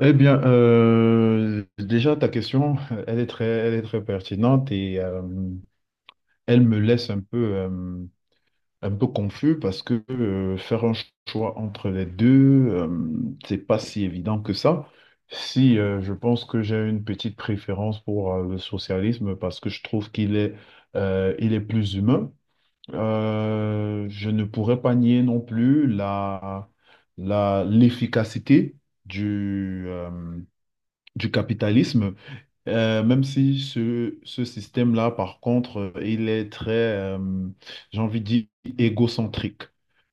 Eh bien, déjà, ta question, elle est elle est très pertinente et elle me laisse un peu, un peu confus parce que faire un choix entre les deux, euh, c'est pas si évident que ça. Si je pense que j'ai une petite préférence pour le socialisme parce que je trouve qu'il est, il est plus humain. Je ne pourrais pas nier non plus l'efficacité du du capitalisme, même si ce système-là, par contre, j'ai envie de dire, égocentrique.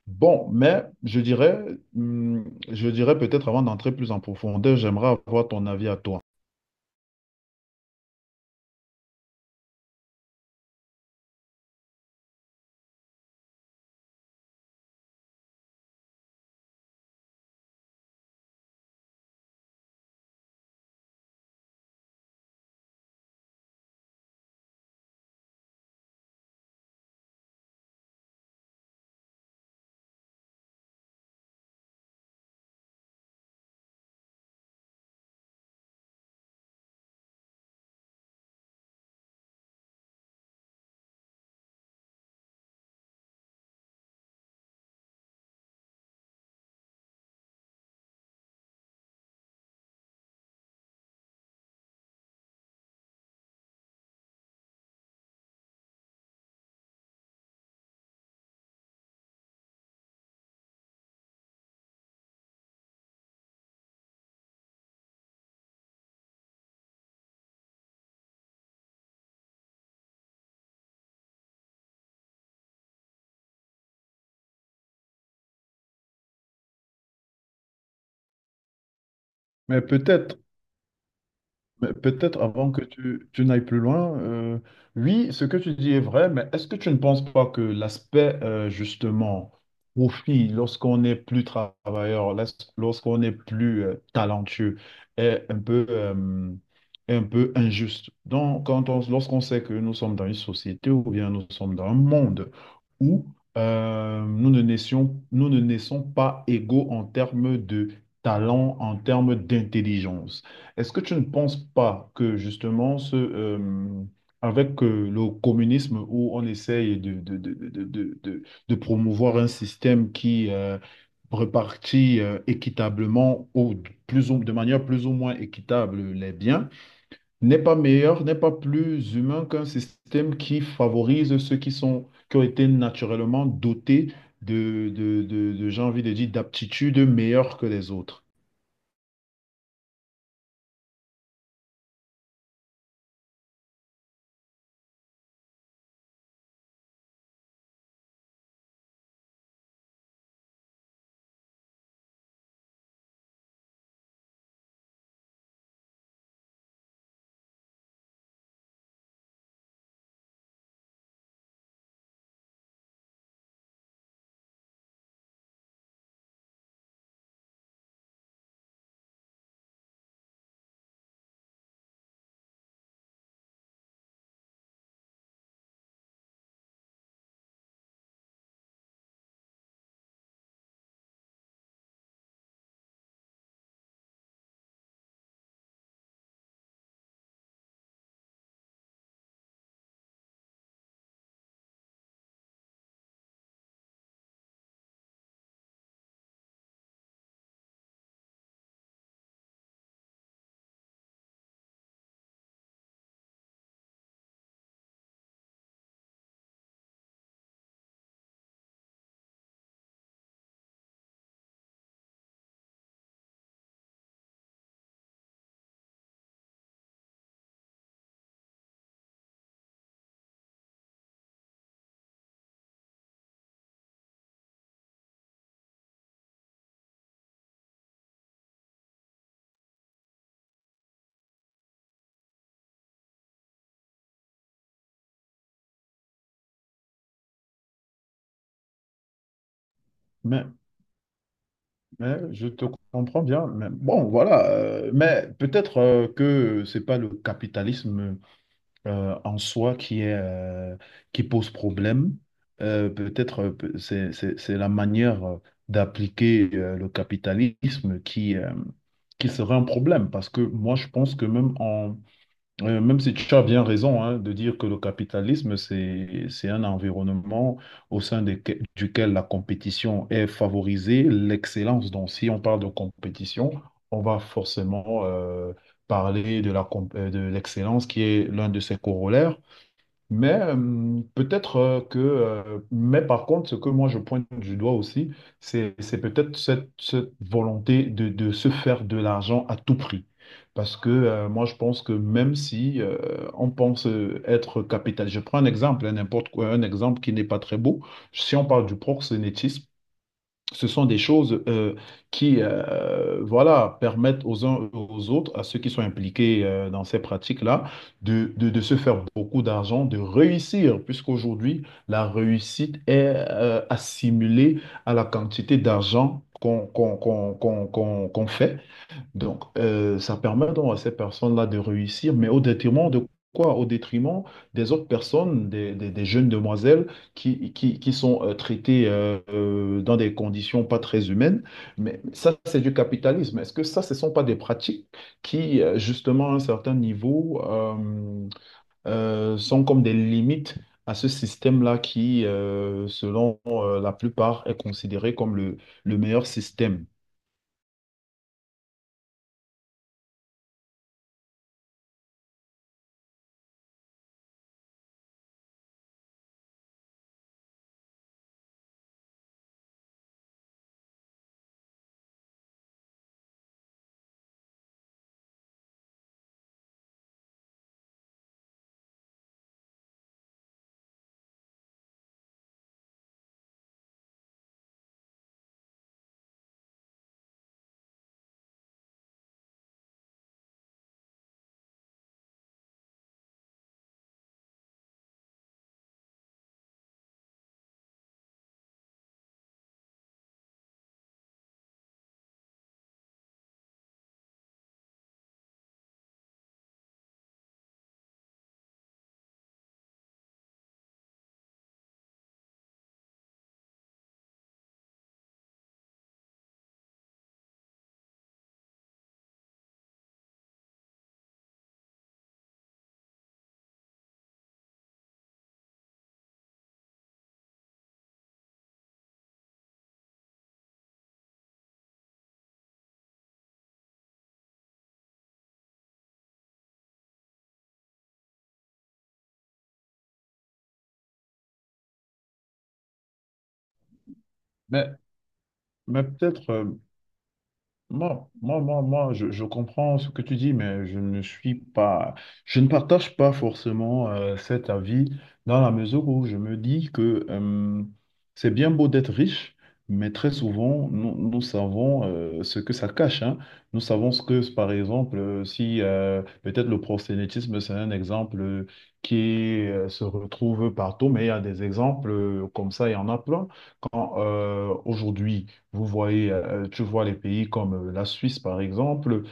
Bon, mais je hum, je dirais peut-être avant d'entrer plus en profondeur, j'aimerais avoir ton avis à toi. Mais peut-être Mais peut-être avant que tu n'ailles plus loin, oui, ce que tu dis est vrai, mais est-ce que tu ne penses pas que l'aspect justement profit, lorsqu'on n'est plus travailleur, lorsqu'on n'est plus talentueux, est un peu, est un peu injuste? Donc, lorsqu'on sait que nous sommes dans une société ou bien nous sommes dans un monde où nous ne naissons pas égaux en termes de talent, en termes d'intelligence. Est-ce que tu ne penses pas que justement, avec le communisme où on essaye de promouvoir un système qui répartit équitablement ou de manière plus ou moins équitable les biens, n'est pas meilleur, n'est pas plus humain qu'un système qui favorise ceux qui ont été naturellement dotés j'ai envie de dire, d'aptitudes meilleures que les autres. Mais, mais je te comprends bien. Mais bon, voilà. Mais peut-être que c'est pas le capitalisme en soi qui qui pose problème. Peut-être c'est la manière d'appliquer le capitalisme qui serait un problème parce que moi je pense que même Même si tu as bien raison hein, de dire que le capitalisme, c'est un environnement au sein duquel la compétition est favorisée, l'excellence. Donc, si on parle de compétition, on va forcément parler de l'excellence qui est l'un de ses corollaires. Mais mais par contre, ce que moi je pointe du doigt aussi, c'est peut-être cette volonté de se faire de l'argent à tout prix. Parce que moi je pense que même si on pense être capital, je prends un exemple, hein, n'importe quoi, un exemple qui n'est pas très beau. Si on parle du proxénétisme, ce sont des choses qui voilà, permettent aux uns et aux autres, à ceux qui sont impliqués dans ces pratiques-là, de se faire beaucoup d'argent, de réussir, puisqu'aujourd'hui, la réussite est assimilée à la quantité d'argent qu'on fait. Donc, ça permet donc à ces personnes-là de réussir, mais au détriment de quoi? Au détriment des autres personnes, des jeunes demoiselles qui sont traitées dans des conditions pas très humaines. Mais ça, c'est du capitalisme. Est-ce que ça, ce ne sont pas des pratiques qui, justement, à un certain niveau, sont comme des limites à ce système-là qui, selon la plupart, est considéré comme le meilleur système? Mais, mais peut-être. Moi, je comprends ce que tu dis, mais je ne suis pas, je ne partage pas forcément cet avis dans la mesure où je me dis que c'est bien beau d'être riche, mais très souvent, nous, nous savons ce que ça cache, hein. Nous savons ce que, par exemple, si peut-être le prosélytisme, c'est un exemple qui se retrouve partout, mais il y a des exemples comme ça, il y en a plein. Quand aujourd'hui, vous voyez, tu vois les pays comme la Suisse, par exemple,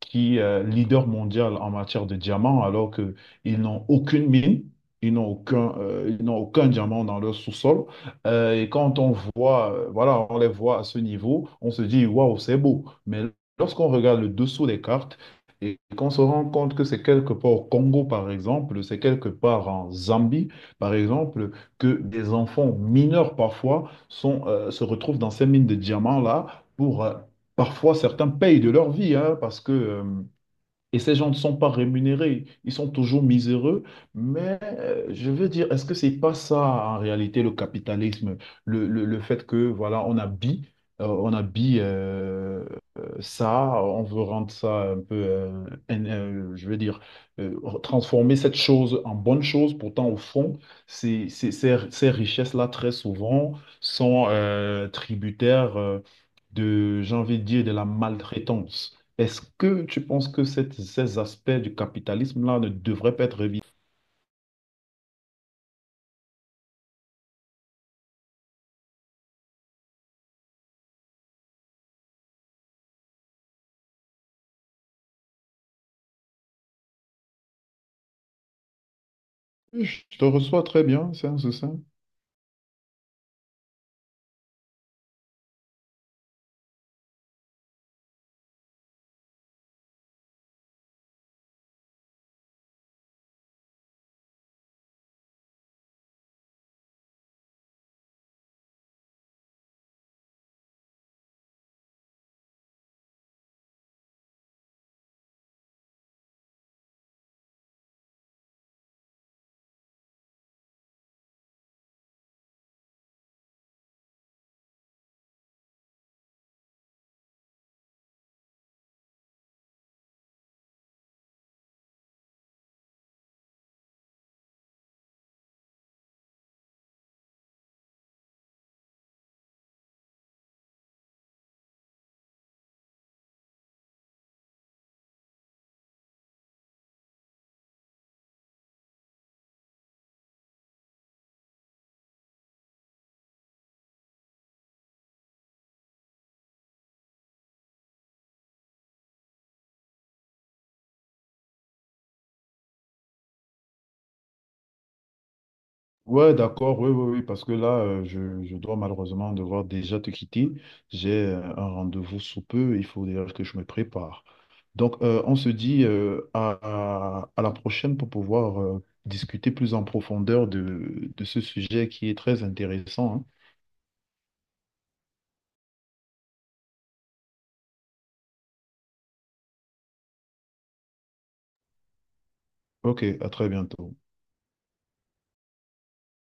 qui est leader mondial en matière de diamants, alors qu'ils n'ont aucune mine, ils n'ont aucun diamant dans leur sous-sol. Et quand on voit, voilà, on les voit à ce niveau, on se dit, waouh, c'est beau. Mais lorsqu'on regarde le dessous des cartes, et qu'on se rend compte que c'est quelque part au Congo, par exemple, c'est quelque part en Zambie, par exemple, que des enfants mineurs parfois se retrouvent dans ces mines de diamants-là pour parfois, certains payent de leur vie, hein, parce que, et ces gens ne sont pas rémunérés, ils sont toujours miséreux, mais je veux dire, est-ce que c'est pas ça en réalité le capitalisme, le fait que, voilà, on habille, euh, on habille euh, ça, on veut rendre ça un peu, je veux dire, transformer cette chose en bonne chose, pourtant au fond, ces richesses-là, très souvent, sont tributaires de, j'ai envie de dire, de la maltraitance. Est-ce que tu penses que ces aspects du capitalisme-là ne devraient pas être révisés? Je te reçois très bien, c'est un ça. Ouais, d'accord, oui, oui, oui, parce que là, je dois malheureusement devoir déjà te quitter. J'ai un rendez-vous sous peu, il faut déjà que je me prépare. Donc, on se dit à la prochaine pour pouvoir discuter plus en profondeur de ce sujet qui est très intéressant. Hein. Ok, à très bientôt.